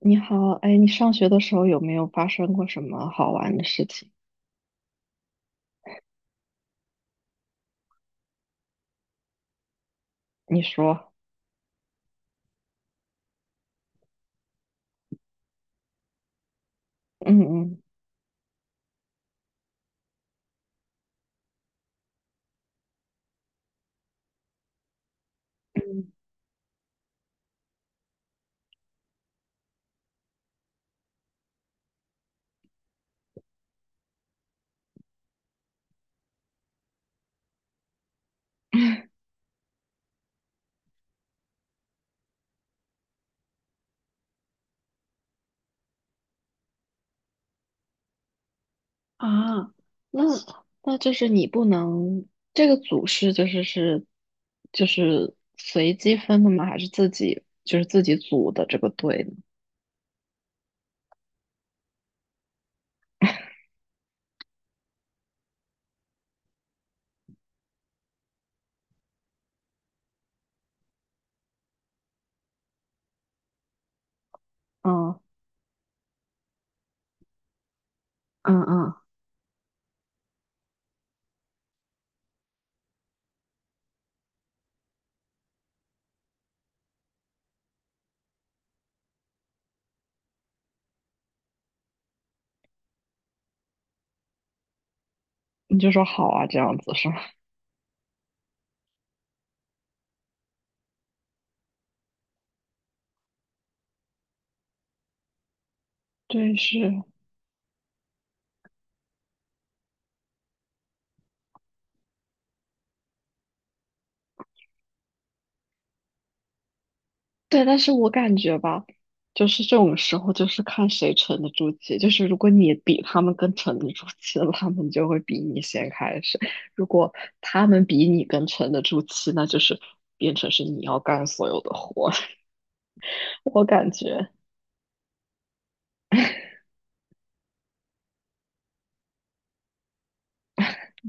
你好，哎，你上学的时候有没有发生过什么好玩的事情？你说。嗯嗯。啊，那 那就是你不能，这个组是随机分的吗？还是自己就是自己组的这个队呢？嗯。嗯嗯。你就说好啊，这样子是吗？对，是。对，但是我感觉吧，就是这种时候就是看谁沉得住气。就是如果你比他们更沉得住气了，他们就会比你先开始；如果他们比你更沉得住气，那就是变成是你要干所有的活。我感觉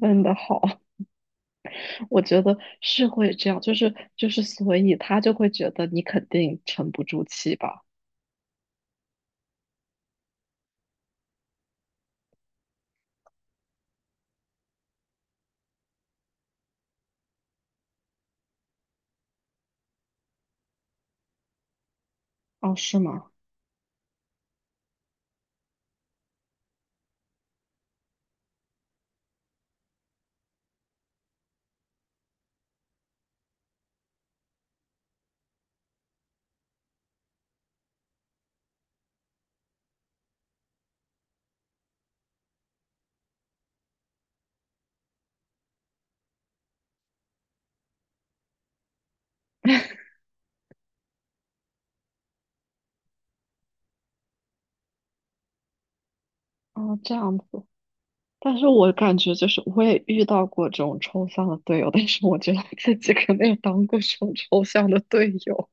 问的好。我觉得是会这样，就是，所以他就会觉得你肯定沉不住气吧？哦，是吗？哦，这样子。但是我感觉就是我也遇到过这种抽象的队友，但是我觉得自己肯定也当过这种抽象的队友。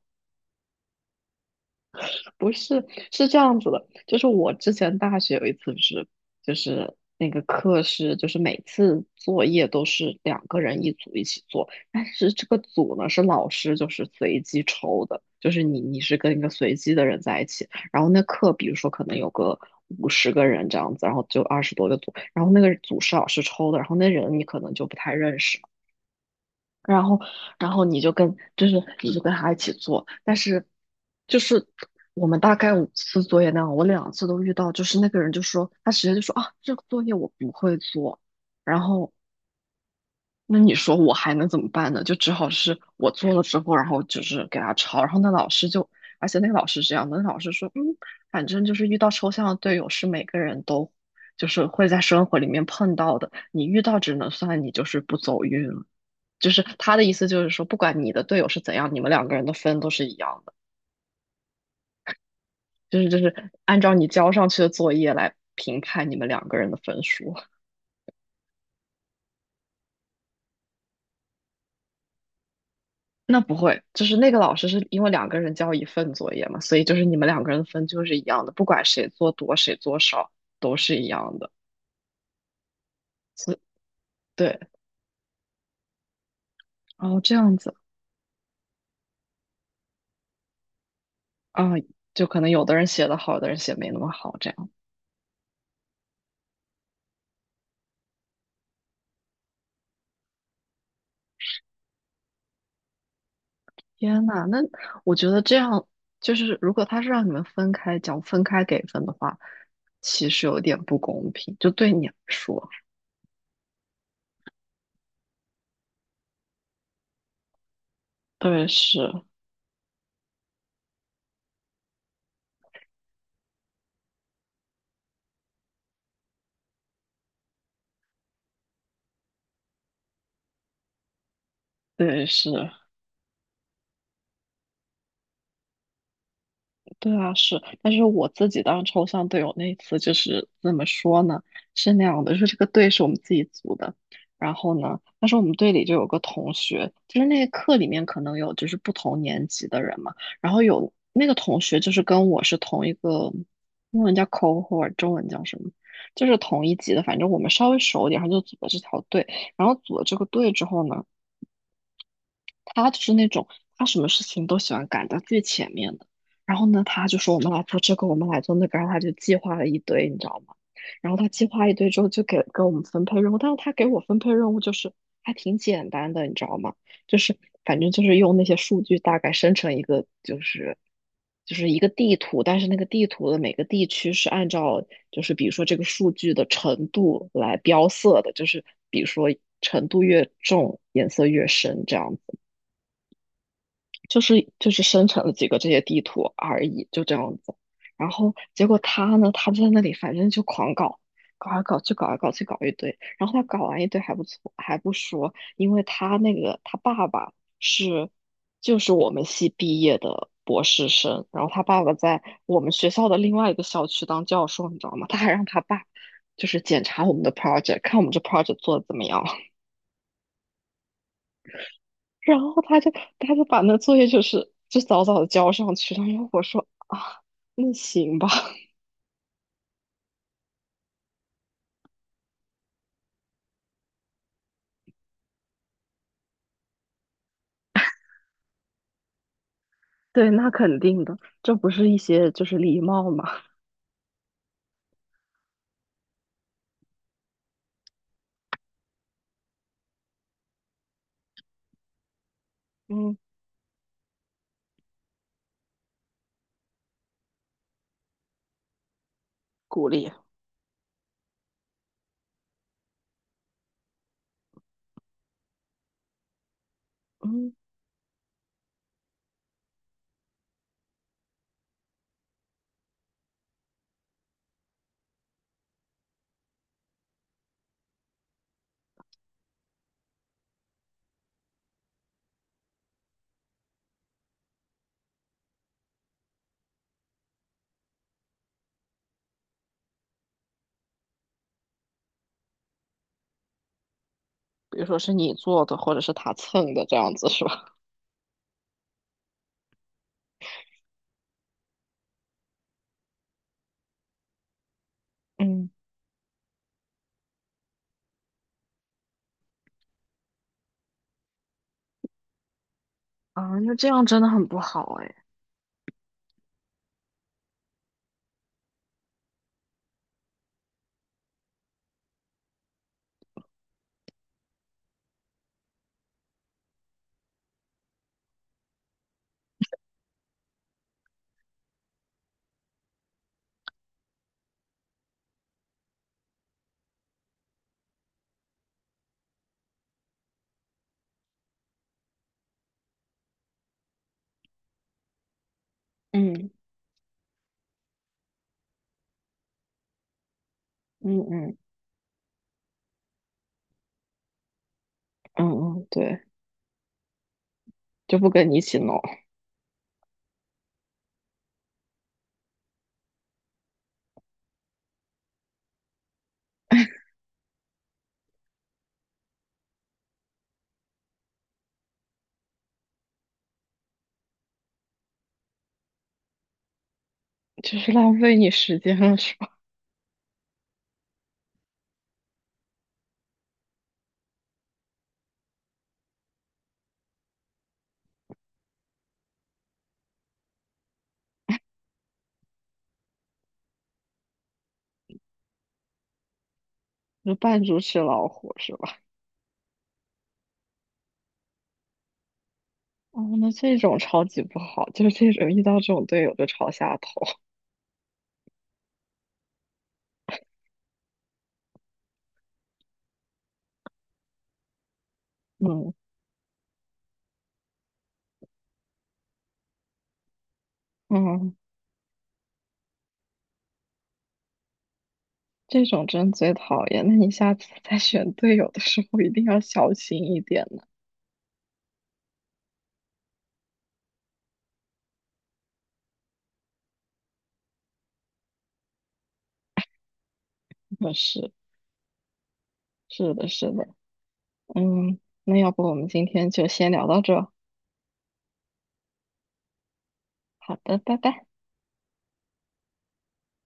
不是，是这样子的，就是我之前大学有一次是，就是那个课是，就是每次作业都是两个人一组一起做，但是这个组呢是老师就是随机抽的，就是你是跟一个随机的人在一起，然后那课比如说可能有个50个人这样子，然后就20多个组，然后那个组是老师抽的，然后那人你可能就不太认识。然后，然后你就跟，就是你就跟他一起做，但是，就是我们大概5次作业那样，我2次都遇到，就是那个人就说，他直接就说啊，这个作业我不会做，然后那你说我还能怎么办呢？就只好是我做了之后，然后就是给他抄，然后那老师就，而且那个老师是这样的，那老师说，嗯，反正就是遇到抽象的队友是每个人都，就是会在生活里面碰到的，你遇到只能算你就是不走运了。就是他的意思就是说，不管你的队友是怎样，你们两个人的分都是一样的，就是按照你交上去的作业来评判你们两个人的分数。那不会，就是那个老师是因为两个人交一份作业嘛，所以就是你们两个人的分就是一样的，不管谁做多谁做少都是一样的。所以对。哦这样子啊，就可能有的人写的好，有的人写没那么好，这样。天呐，那我觉得这样就是，如果他是让你们分开讲、分开给分的话，其实有点不公平，就对你来说。对，是。对，是。对啊，是，但是我自己当抽象队友那一次就是怎么说呢？是那样的，就是这个队是我们自己组的，然后呢，但是我们队里就有个同学，就是那个课里面可能有就是不同年级的人嘛，然后有那个同学就是跟我是同一个，英文叫 cohort,中文叫什么？就是同一级的，反正我们稍微熟一点，然后就组了这条队，然后组了这个队之后呢。他就是那种他什么事情都喜欢赶到最前面的。然后呢，他就说我们来做这个，我们来做那个，然后他就计划了一堆，你知道吗？然后他计划一堆之后，就给我们分配任务，但是他给我分配任务就是还挺简单的，你知道吗？就是反正就是用那些数据大概生成一个，就是一个地图，但是那个地图的每个地区是按照就是比如说这个数据的程度来标色的，就是比如说程度越重，颜色越深这样子。就是生成了几个这些地图而已，就这样子。然后结果他呢，他就在那里反正就狂搞，搞来搞去，搞来搞去，搞一堆。然后他搞完一堆还不错，还不说，因为他那个他爸爸是就是我们系毕业的博士生，然后他爸爸在我们学校的另外一个校区当教授，你知道吗？他还让他爸就是检查我们的 project,看我们这 project 做的怎么样。然后他就把那作业就是就早早的交上去了，然后我说啊，那行吧。对，那肯定的，这不是一些就是礼貌嘛。嗯，鼓励。嗯，比如说是你做的或者是他蹭的这样子是吧？嗯啊，那这样真的很不好哎。嗯嗯嗯嗯嗯。对，就不跟你一起弄，就是浪费你时间了是吧？就扮猪吃老虎是吧？哦，那这种超级不好，就是这种遇到这种队友就吵下头。嗯。嗯，这种真最讨厌。那你下次 在选队友的时候一定要小心一点呢。那是，是的，是的。嗯，那要不我们今天就先聊到这。好的，拜拜。